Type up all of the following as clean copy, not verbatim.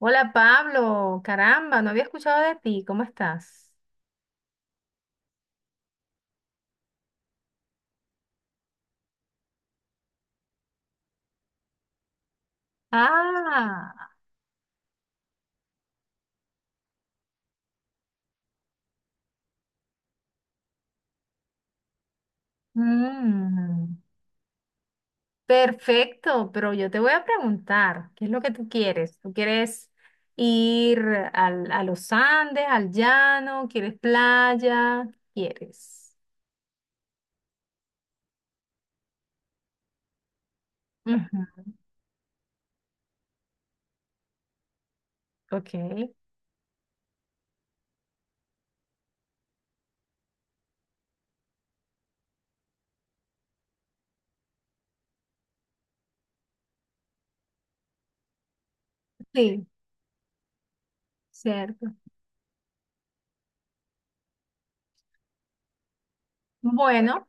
Hola, Pablo, caramba, no había escuchado de ti, ¿cómo estás? Ah, mm, perfecto, pero yo te voy a preguntar, ¿qué es lo que tú quieres? ¿Tú quieres ir a los Andes, al llano? ¿Quieres playa? ¿Quieres? Ujú, ok, sí, cierto. Bueno,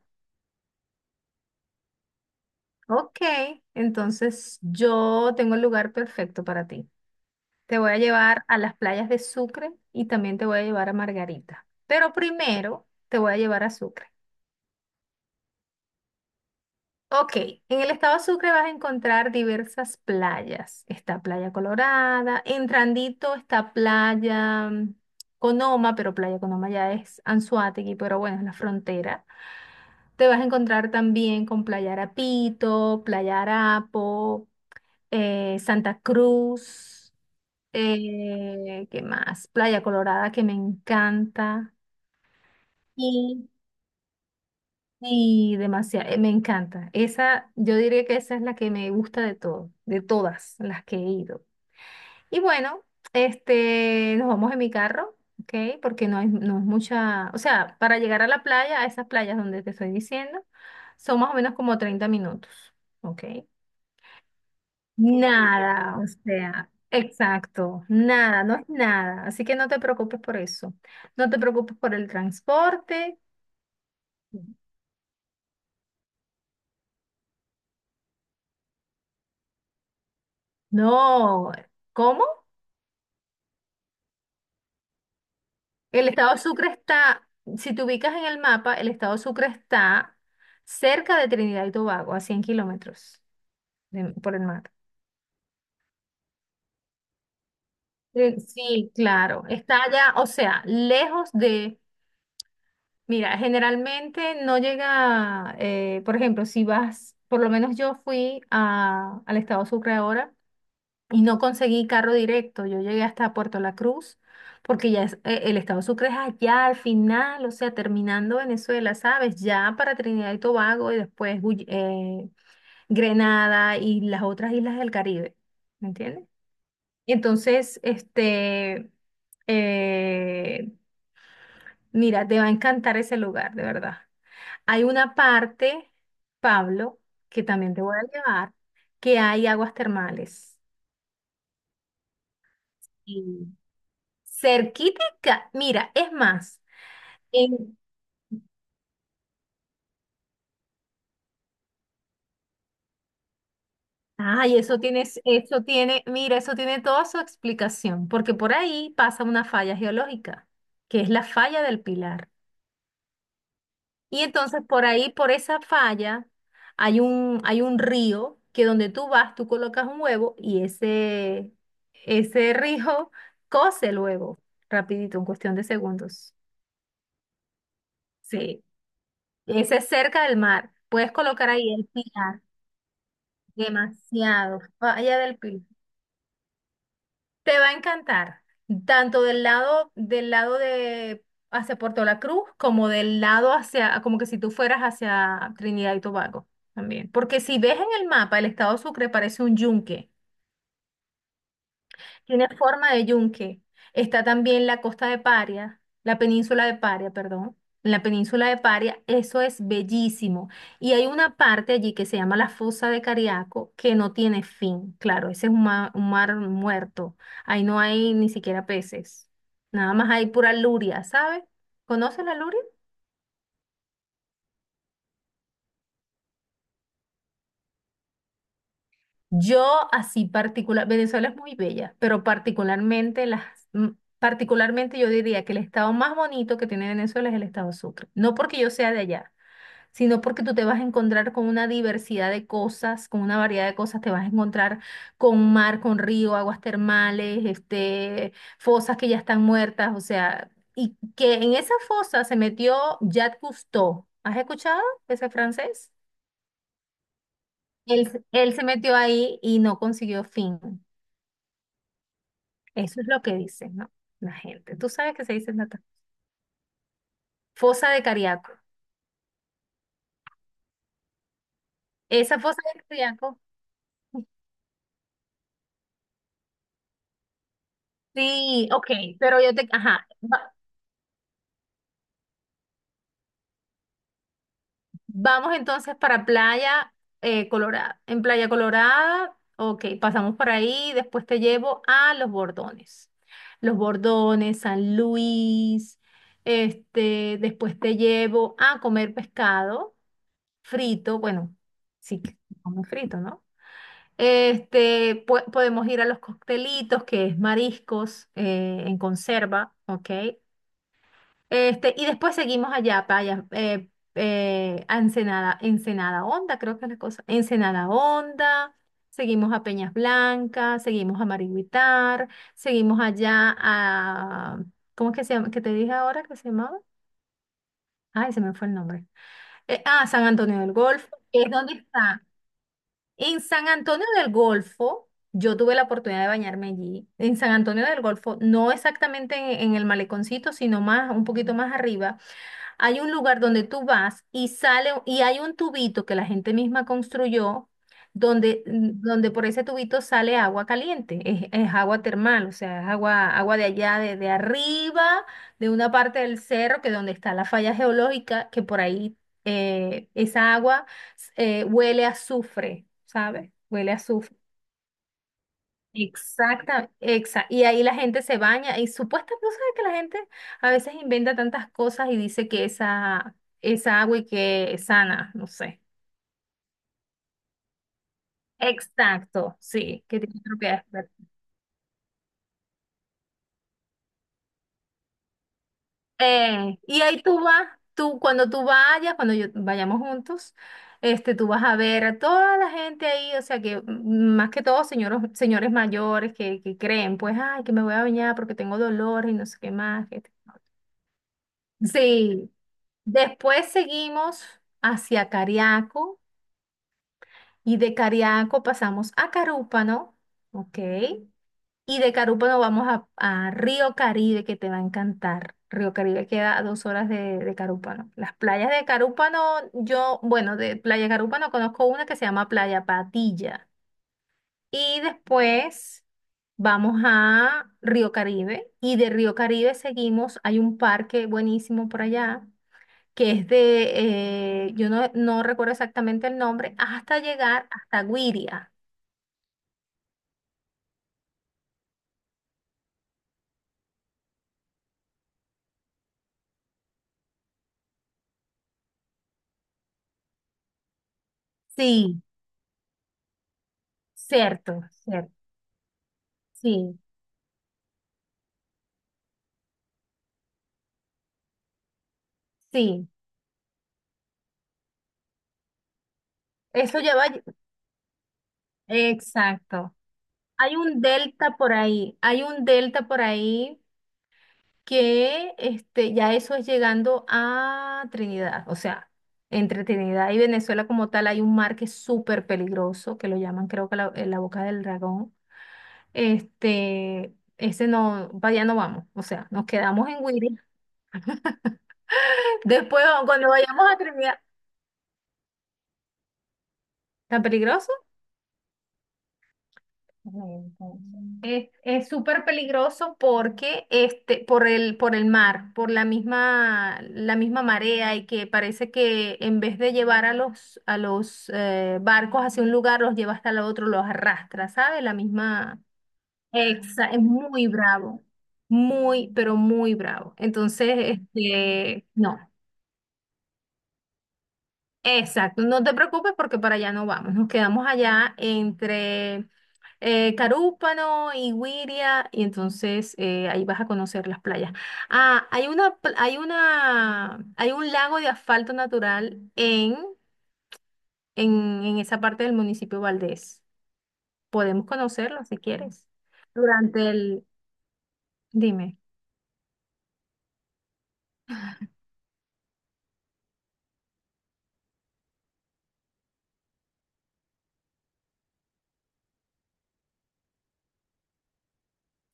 ok, entonces yo tengo el lugar perfecto para ti. Te voy a llevar a las playas de Sucre y también te voy a llevar a Margarita. Pero primero te voy a llevar a Sucre. Ok, en el estado de Sucre vas a encontrar diversas playas. Está Playa Colorada, entrandito está Playa Conoma, pero Playa Conoma ya es Anzoátegui, pero bueno, es la frontera. Te vas a encontrar también con Playa Arapito, Playa Arapo, Santa Cruz. ¿Qué más? Playa Colorada, que me encanta. Sí. Y demasiado, me encanta. Esa, yo diría que esa es la que me gusta de todo, de todas las que he ido. Y bueno, nos vamos en mi carro, ¿ok? Porque no hay, no es mucha, o sea, para llegar a la playa, a esas playas donde te estoy diciendo, son más o menos como 30 minutos, ¿ok? Nada, o sea, exacto, nada, no es nada. Así que no te preocupes por eso. No te preocupes por el transporte. No, ¿cómo? El estado Sucre está, si te ubicas en el mapa, el estado Sucre está cerca de Trinidad y Tobago, a 100 kilómetros por el mar. Sí, claro, está allá, o sea, lejos de. Mira, generalmente no llega, por ejemplo, si vas, por lo menos yo fui al estado Sucre ahora y no conseguí carro directo, yo llegué hasta Puerto La Cruz, porque ya el estado Sucre es allá al final, o sea, terminando Venezuela, ¿sabes? Ya para Trinidad y Tobago y después Grenada y las otras islas del Caribe, ¿me entiendes? Entonces, eh, mira, te va a encantar ese lugar, de verdad. Hay una parte, Pablo, que también te voy a llevar, que hay aguas termales. Y Cerquítica, mira, es más, en- ay, eso tiene, mira, eso tiene toda su explicación, porque por ahí pasa una falla geológica, que es la falla del Pilar. Y entonces por ahí, por esa falla, hay un río que donde tú vas, tú colocas un huevo y ese rijo cose el huevo rapidito, en cuestión de segundos. Sí, ese es cerca del mar. Puedes colocar ahí el pilar, demasiado, falla del pilar. Te va a encantar, tanto del lado de hacia Puerto La Cruz como del lado hacia, como que si tú fueras hacia Trinidad y Tobago también. Porque si ves en el mapa, el estado Sucre parece un yunque. Tiene forma de yunque. Está también la costa de Paria, la península de Paria, perdón. En la península de Paria, eso es bellísimo. Y hay una parte allí que se llama la fosa de Cariaco, que no tiene fin. Claro, ese es un mar, muerto. Ahí no hay ni siquiera peces. Nada más hay pura luria, ¿sabes? ¿Conoces la luria? Yo así particular, Venezuela es muy bella, pero particularmente mm, particularmente yo diría que el estado más bonito que tiene Venezuela es el estado Sucre. No porque yo sea de allá, sino porque tú te vas a encontrar con una diversidad de cosas, con una variedad de cosas, te vas a encontrar con mar, con río, aguas termales, fosas que ya están muertas, o sea, y que en esa fosa se metió Jacques Cousteau. ¿Has escuchado ese francés? Él se metió ahí y no consiguió fin. Eso es lo que dicen, ¿no? La gente. Tú sabes que se dice, Nata. Fosa de Cariaco. Esa fosa de Cariaco. Sí, ok, pero yo te. Ajá. Vamos entonces para Playa Colorada. En Playa Colorada, ok, pasamos por ahí, después te llevo a Los Bordones. Los Bordones, San Luis, después te llevo a comer pescado frito, bueno, sí, que come frito, ¿no? Podemos ir a los coctelitos, que es mariscos en conserva, ¿ok? Y después seguimos allá, para allá, a Ensenada, Ensenada Honda, creo que es la cosa. Ensenada Honda, seguimos a Peñas Blancas, seguimos a Mariguitar, seguimos allá a. ¿Cómo es que se llama? ¿Qué te dije ahora que se llamaba? Ay, se me fue el nombre. Ah, San Antonio del Golfo, que es donde está. En San Antonio del Golfo, yo tuve la oportunidad de bañarme allí. En San Antonio del Golfo, no exactamente en el maleconcito, sino más, un poquito más arriba. Hay un lugar donde tú vas y sale y hay un tubito que la gente misma construyó donde por ese tubito sale agua caliente, es agua termal, o sea, es agua de allá, de arriba, de una parte del cerro, que donde está la falla geológica, que por ahí esa agua huele a azufre, ¿sabes? Huele a azufre. Exacta, y ahí la gente se baña y supuestamente, ¿no sabes que la gente a veces inventa tantas cosas y dice que esa agua y que es sana? No sé. Exacto, sí, que tiene propiedades curativas. Y ahí tú vas, tú cuando tú vayas, cuando vayamos juntos, tú vas a ver a toda la gente ahí, o sea que más que todo señores, señores mayores que creen, pues, ay, que me voy a bañar porque tengo dolores y no sé qué más. Sí. Después seguimos hacia Cariaco y de Cariaco pasamos a Carúpano, ¿ok? Y de Carúpano vamos a Río Caribe, que te va a encantar. Río Caribe queda a 2 horas de Carúpano. Las playas de Carúpano, yo, bueno, de Playa Carúpano conozco una que se llama Playa Patilla. Y después vamos a Río Caribe y de Río Caribe seguimos, hay un parque buenísimo por allá que es de, yo no recuerdo exactamente el nombre, hasta llegar hasta Guiria. Sí, cierto, cierto. Sí, sí. Eso lleva, exacto. Hay un delta por ahí que ya eso es llegando a Trinidad, o sea, entre Trinidad y Venezuela como tal hay un mar que es súper peligroso, que lo llaman creo que la boca del dragón. Ese no, para allá no vamos. O sea, nos quedamos en Guiri. Después, cuando vayamos a terminar, ¿tan peligroso? Es súper peligroso porque por por el mar, por la misma marea y que parece que en vez de llevar a los barcos hacia un lugar, los lleva hasta el otro, los arrastra, ¿sabes? La misma. Es muy bravo, muy, pero muy bravo. Entonces, no. Exacto, no te preocupes porque para allá no vamos, nos quedamos allá entre Carúpano y Güiria y entonces ahí vas a conocer las playas. Ah, hay una, pl- hay una, hay un lago de asfalto natural en esa parte del municipio Valdés. Podemos conocerlo si quieres. Durante el. Dime.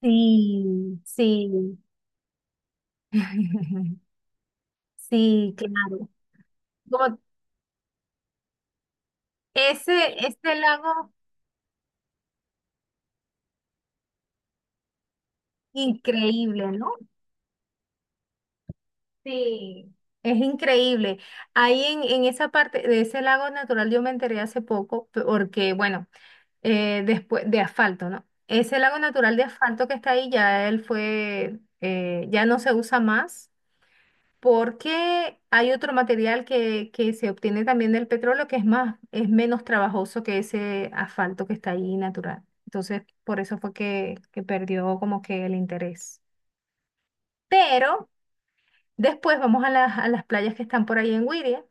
Sí, sí. Sí, claro. Como ese, este lago increíble, ¿no? Sí, es increíble. Ahí en esa parte de ese lago natural yo me enteré hace poco, porque bueno, después de asfalto, ¿no? Ese lago natural de asfalto que está ahí ya no se usa más porque hay otro material que se obtiene también del petróleo que es más, es menos trabajoso que ese asfalto que está ahí natural. Entonces, por eso fue que perdió como que el interés. Pero después vamos a las, playas que están por ahí en Wiria,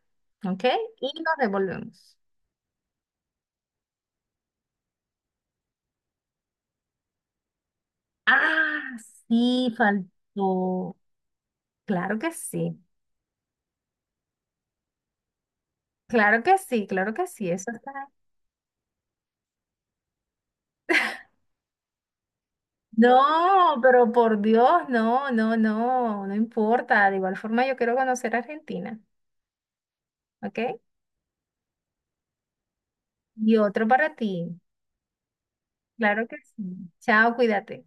¿ok? Y nos devolvemos. Ah, sí, faltó. Claro que sí, claro que sí, claro que sí, eso está ahí. No, pero por Dios, no, no, no, no importa. De igual forma, yo quiero conocer Argentina, ¿ok? Y otro para ti, claro que sí. Chao, cuídate.